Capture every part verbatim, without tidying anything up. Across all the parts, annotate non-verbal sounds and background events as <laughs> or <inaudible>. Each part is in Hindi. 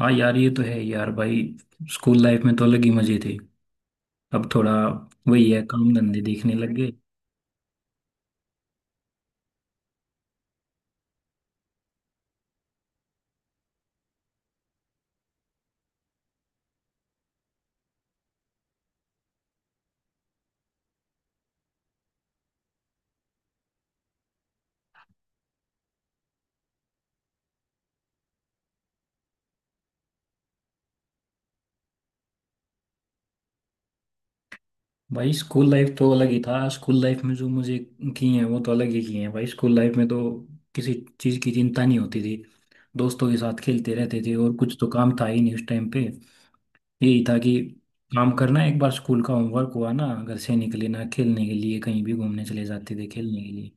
हाँ यार, ये तो है यार भाई। स्कूल लाइफ में तो अलग ही मजे थे। अब थोड़ा वही है, काम धंधे देखने लग गए। भाई स्कूल लाइफ तो अलग ही था। स्कूल लाइफ में जो मुझे किए हैं वो तो अलग ही किए हैं। भाई स्कूल लाइफ में तो किसी चीज़ की चिंता नहीं होती थी। दोस्तों के साथ खेलते रहते थे और कुछ तो काम था ही नहीं उस टाइम पे। यही था कि काम करना, एक बार स्कूल का होमवर्क हुआ ना, घर से निकले ना, खेलने के लिए कहीं भी घूमने चले जाते थे खेलने के लिए।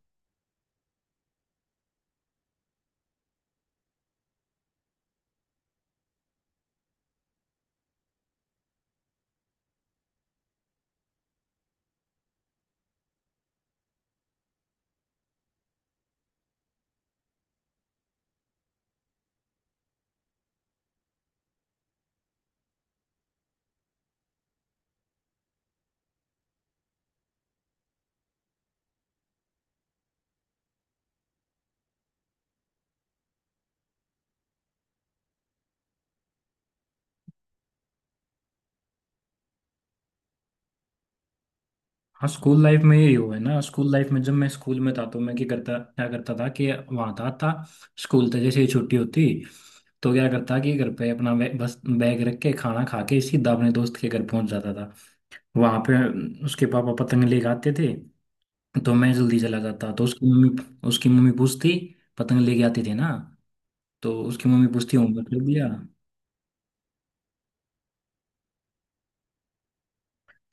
हाँ, स्कूल लाइफ में यही हुआ है ना। स्कूल लाइफ में जब मैं स्कूल में था तो मैं क्या करता, क्या करता था कि वहाँ था था स्कूल था। जैसे ही छुट्टी होती तो क्या करता कि घर पे अपना बै, बस बैग रख के खाना खा के सीधा अपने दोस्त के घर पहुंच जाता था। वहाँ पे उसके पापा पतंग लेके आते थे। तो मैं जल्दी चला जाता तो उसकी मम्मी उसकी मम्मी पूछती। पतंग लेके आती थी ना। तो उसकी मम्मी पूछती, होमवर्क कर दिया।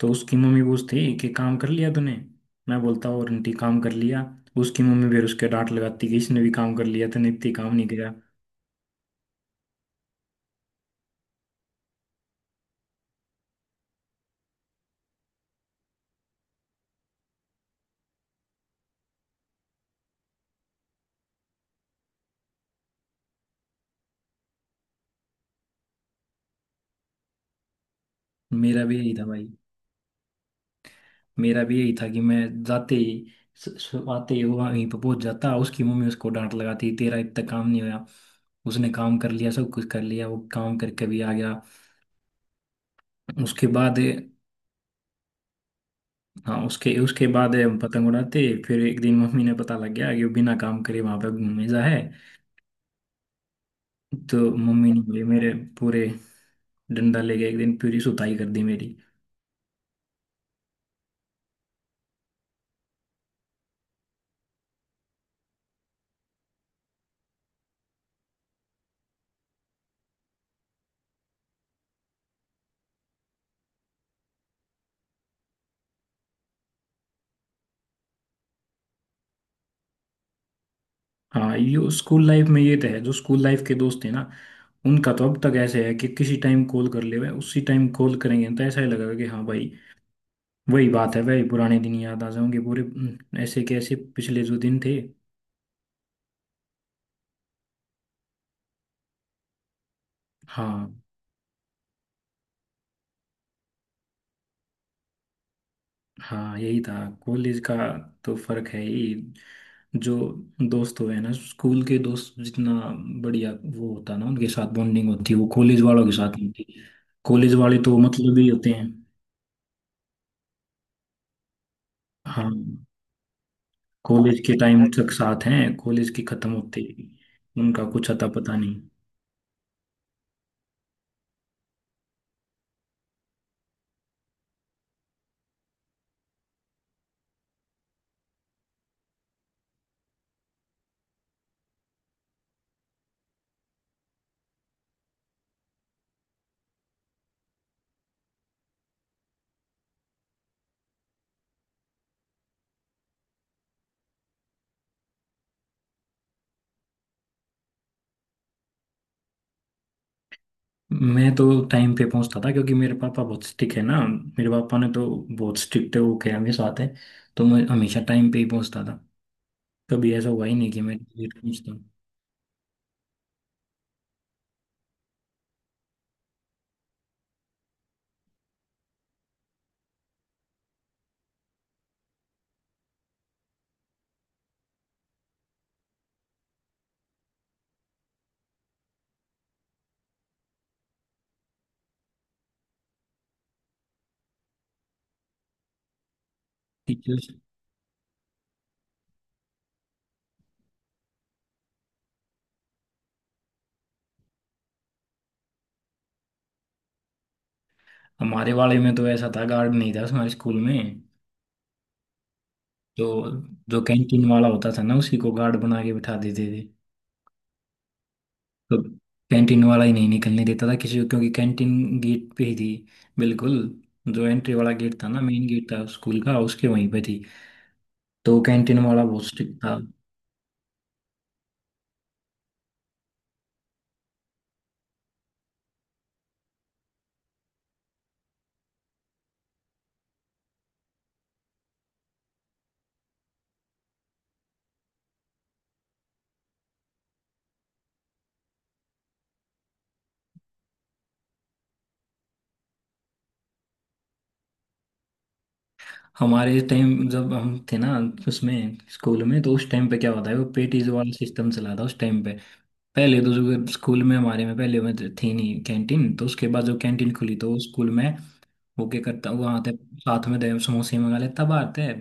तो उसकी मम्मी पूछती कि काम कर लिया तूने। मैं बोलता, और आंटी काम कर लिया। उसकी मम्मी फिर उसके डांट लगाती कि इसने भी काम कर लिया तूने इतनी काम नहीं किया। मेरा भी यही था भाई। मेरा भी यही था कि मैं जाते ही स- स- आते ही वहीं पर पहुंच जाता। उसकी मम्मी उसको डांट लगाती, तेरा इतना काम नहीं हुआ। उसने काम कर लिया, सब कुछ कर लिया, वो काम करके भी आ गया। उसके बाद, हाँ, उसके उसके बाद हम पतंग उड़ाते। फिर एक दिन मम्मी ने पता लग गया कि वो बिना काम करे वहां पे घूमे जा है। तो मम्मी ने बोली मेरे, पूरे डंडा ले गया एक दिन, पूरी सुताई कर दी मेरी। हाँ, ये स्कूल लाइफ में ये तो है। जो स्कूल लाइफ के दोस्त हैं ना, उनका तो अब तक ऐसे है कि किसी टाइम कॉल कर ले उसी टाइम कॉल करेंगे तो ऐसा ही लगेगा कि हाँ भाई, वही बात है, वही पुराने दिन याद आ जाएंगे पूरे। हम्म, ऐसे कैसे पिछले जो दिन थे। हाँ, हाँ, यही था कॉलेज का। तो फर्क है ही। जो दोस्त हुए हैं ना स्कूल के दोस्त, जितना बढ़िया वो होता है ना, उनके साथ बॉन्डिंग होती है वो कॉलेज वालों के साथ नहीं होती। कॉलेज वाले तो मतलब ही होते हैं। हाँ, कॉलेज के टाइम अरे तक साथ हैं, कॉलेज की खत्म होते ही उनका कुछ अता पता नहीं। मैं तो टाइम पे पहुंचता था क्योंकि मेरे पापा बहुत स्ट्रिक्ट है ना। मेरे पापा ने तो बहुत स्ट्रिक्ट है, वो क्या हमेशा साथ है। तो मैं हमेशा टाइम पे ही पहुंचता था। कभी ऐसा हुआ ही नहीं कि मैं लेट पहुंचता। टीचर्स। हमारे वाले में तो ऐसा था, गार्ड नहीं था हमारे स्कूल में। तो जो कैंटीन वाला होता था ना, उसी को गार्ड बना के बिठा देते थे। तो कैंटीन वाला ही नहीं निकलने देता था किसी को, क्योंकि कैंटीन गेट पे ही थी। बिल्कुल, जो एंट्री वाला गेट था ना, मेन गेट था स्कूल का, उसके वहीं पे थी। तो कैंटीन वाला बहुत स्ट्रिक्ट था। हमारे टाइम जब हम थे ना, उसमें स्कूल में तो उस टाइम पे क्या होता है, वो पेटीज वाला सिस्टम चला था उस टाइम पे। पहले तो जो स्कूल में हमारे में पहले में थी नहीं कैंटीन, तो उसके बाद जो कैंटीन खुली तो स्कूल में, वो क्या करता, वो आते साथ में दे- समोसे मंगा लेता बाहर थे।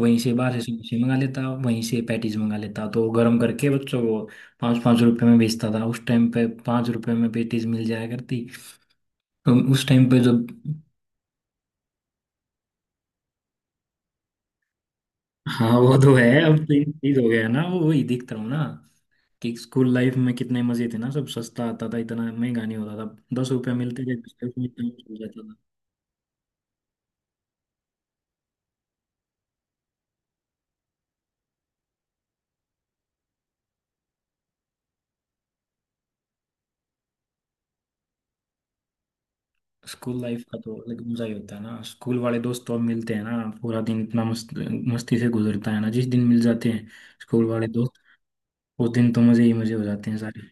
वहीं से बाहर से समोसे मंगा लेता, वहीं से पैटीज मंगा लेता तो गर्म करके बच्चों को पाँच पाँच रुपए में बेचता था उस टाइम पे। पाँच रुपए में पैटीज मिल जाया करती तो उस टाइम पे। जब, हाँ, वो तो है। अब तो ये चीज हो गया ना। वो वही दिख रहा हूँ ना कि स्कूल लाइफ में कितने मजे थे ना। सब सस्ता आता था, इतना महंगा नहीं होता था। दस रुपए मिलते थे, उसमें इतना कुछ हो जाता था। स्कूल लाइफ का तो अलग मजा ही होता है ना। स्कूल वाले दोस्त तो अब मिलते हैं ना। पूरा दिन इतना मस्त मस्ती से गुजरता है ना जिस दिन मिल जाते हैं स्कूल वाले। वो दिन तो मुझे ही मुझे हो जाते हैं सारे।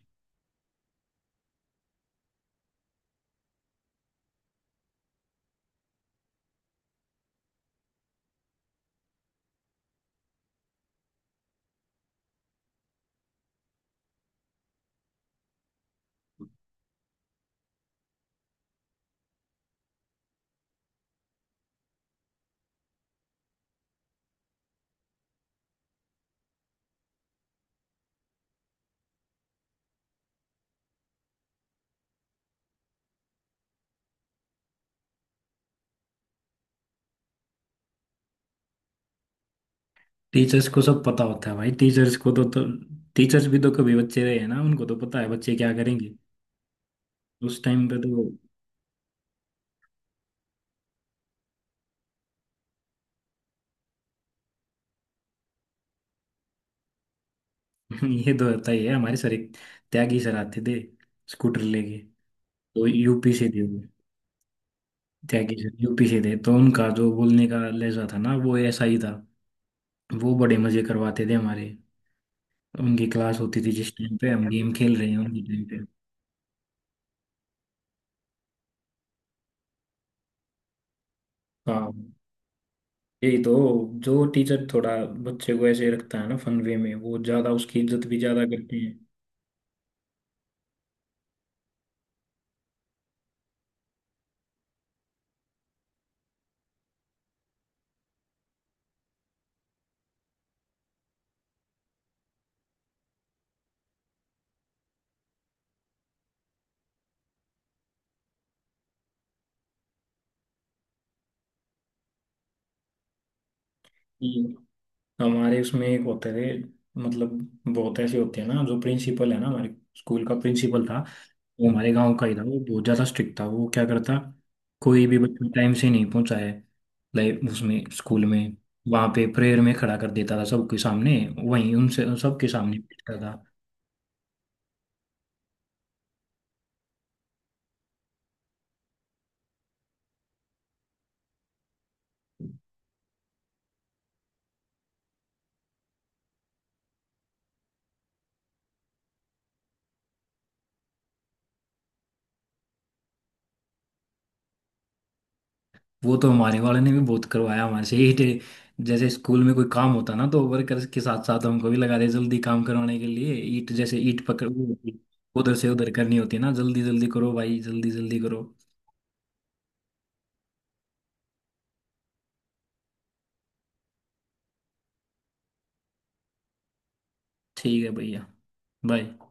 टीचर्स को सब पता होता है भाई। टीचर्स को तो, तो टीचर्स भी तो कभी बच्चे रहे हैं ना, उनको तो पता है बच्चे क्या करेंगे। उस टाइम पे तो। <laughs> ये तो होता ही है। हमारे सर एक, त्यागी सर आते थे स्कूटर लेके। तो यूपी से थे वो। त्यागी सर यूपी से थे तो उनका जो बोलने का लहजा था ना वो ऐसा ही था। वो बड़े मजे करवाते थे हमारे। उनकी क्लास होती थी जिस टाइम पे हम गेम खेल रहे हैं उनके टाइम पे। हाँ। यही तो, जो टीचर थोड़ा बच्चे को ऐसे रखता है ना फन वे में, वो ज्यादा उसकी इज्जत भी ज्यादा करते हैं। ये हमारे उसमें एक होते थे, मतलब बहुत ऐसे होते हैं ना, जो प्रिंसिपल है ना, हमारे स्कूल का प्रिंसिपल था, वो हमारे गांव का ही था। वो बहुत ज्यादा स्ट्रिक्ट था। वो क्या करता, कोई भी बच्चा टाइम से नहीं पहुंचा है लाइक उसमें स्कूल में, वहां पे प्रेयर में खड़ा कर देता था सबके सामने। वहीं उनसे सबके सामने पीटता था। वो तो हमारे वाले ने भी बहुत करवाया। हमारे से ही टे- जैसे स्कूल में कोई काम होता ना तो वर्कर के साथ साथ हमको भी लगा दे जल्दी काम करवाने के लिए। ईट, जैसे ईट पकड़, वो होती, उधर से उधर करनी होती है ना, जल्दी जल्दी करो भाई, जल्दी जल्दी करो। ठीक है भैया, बाय।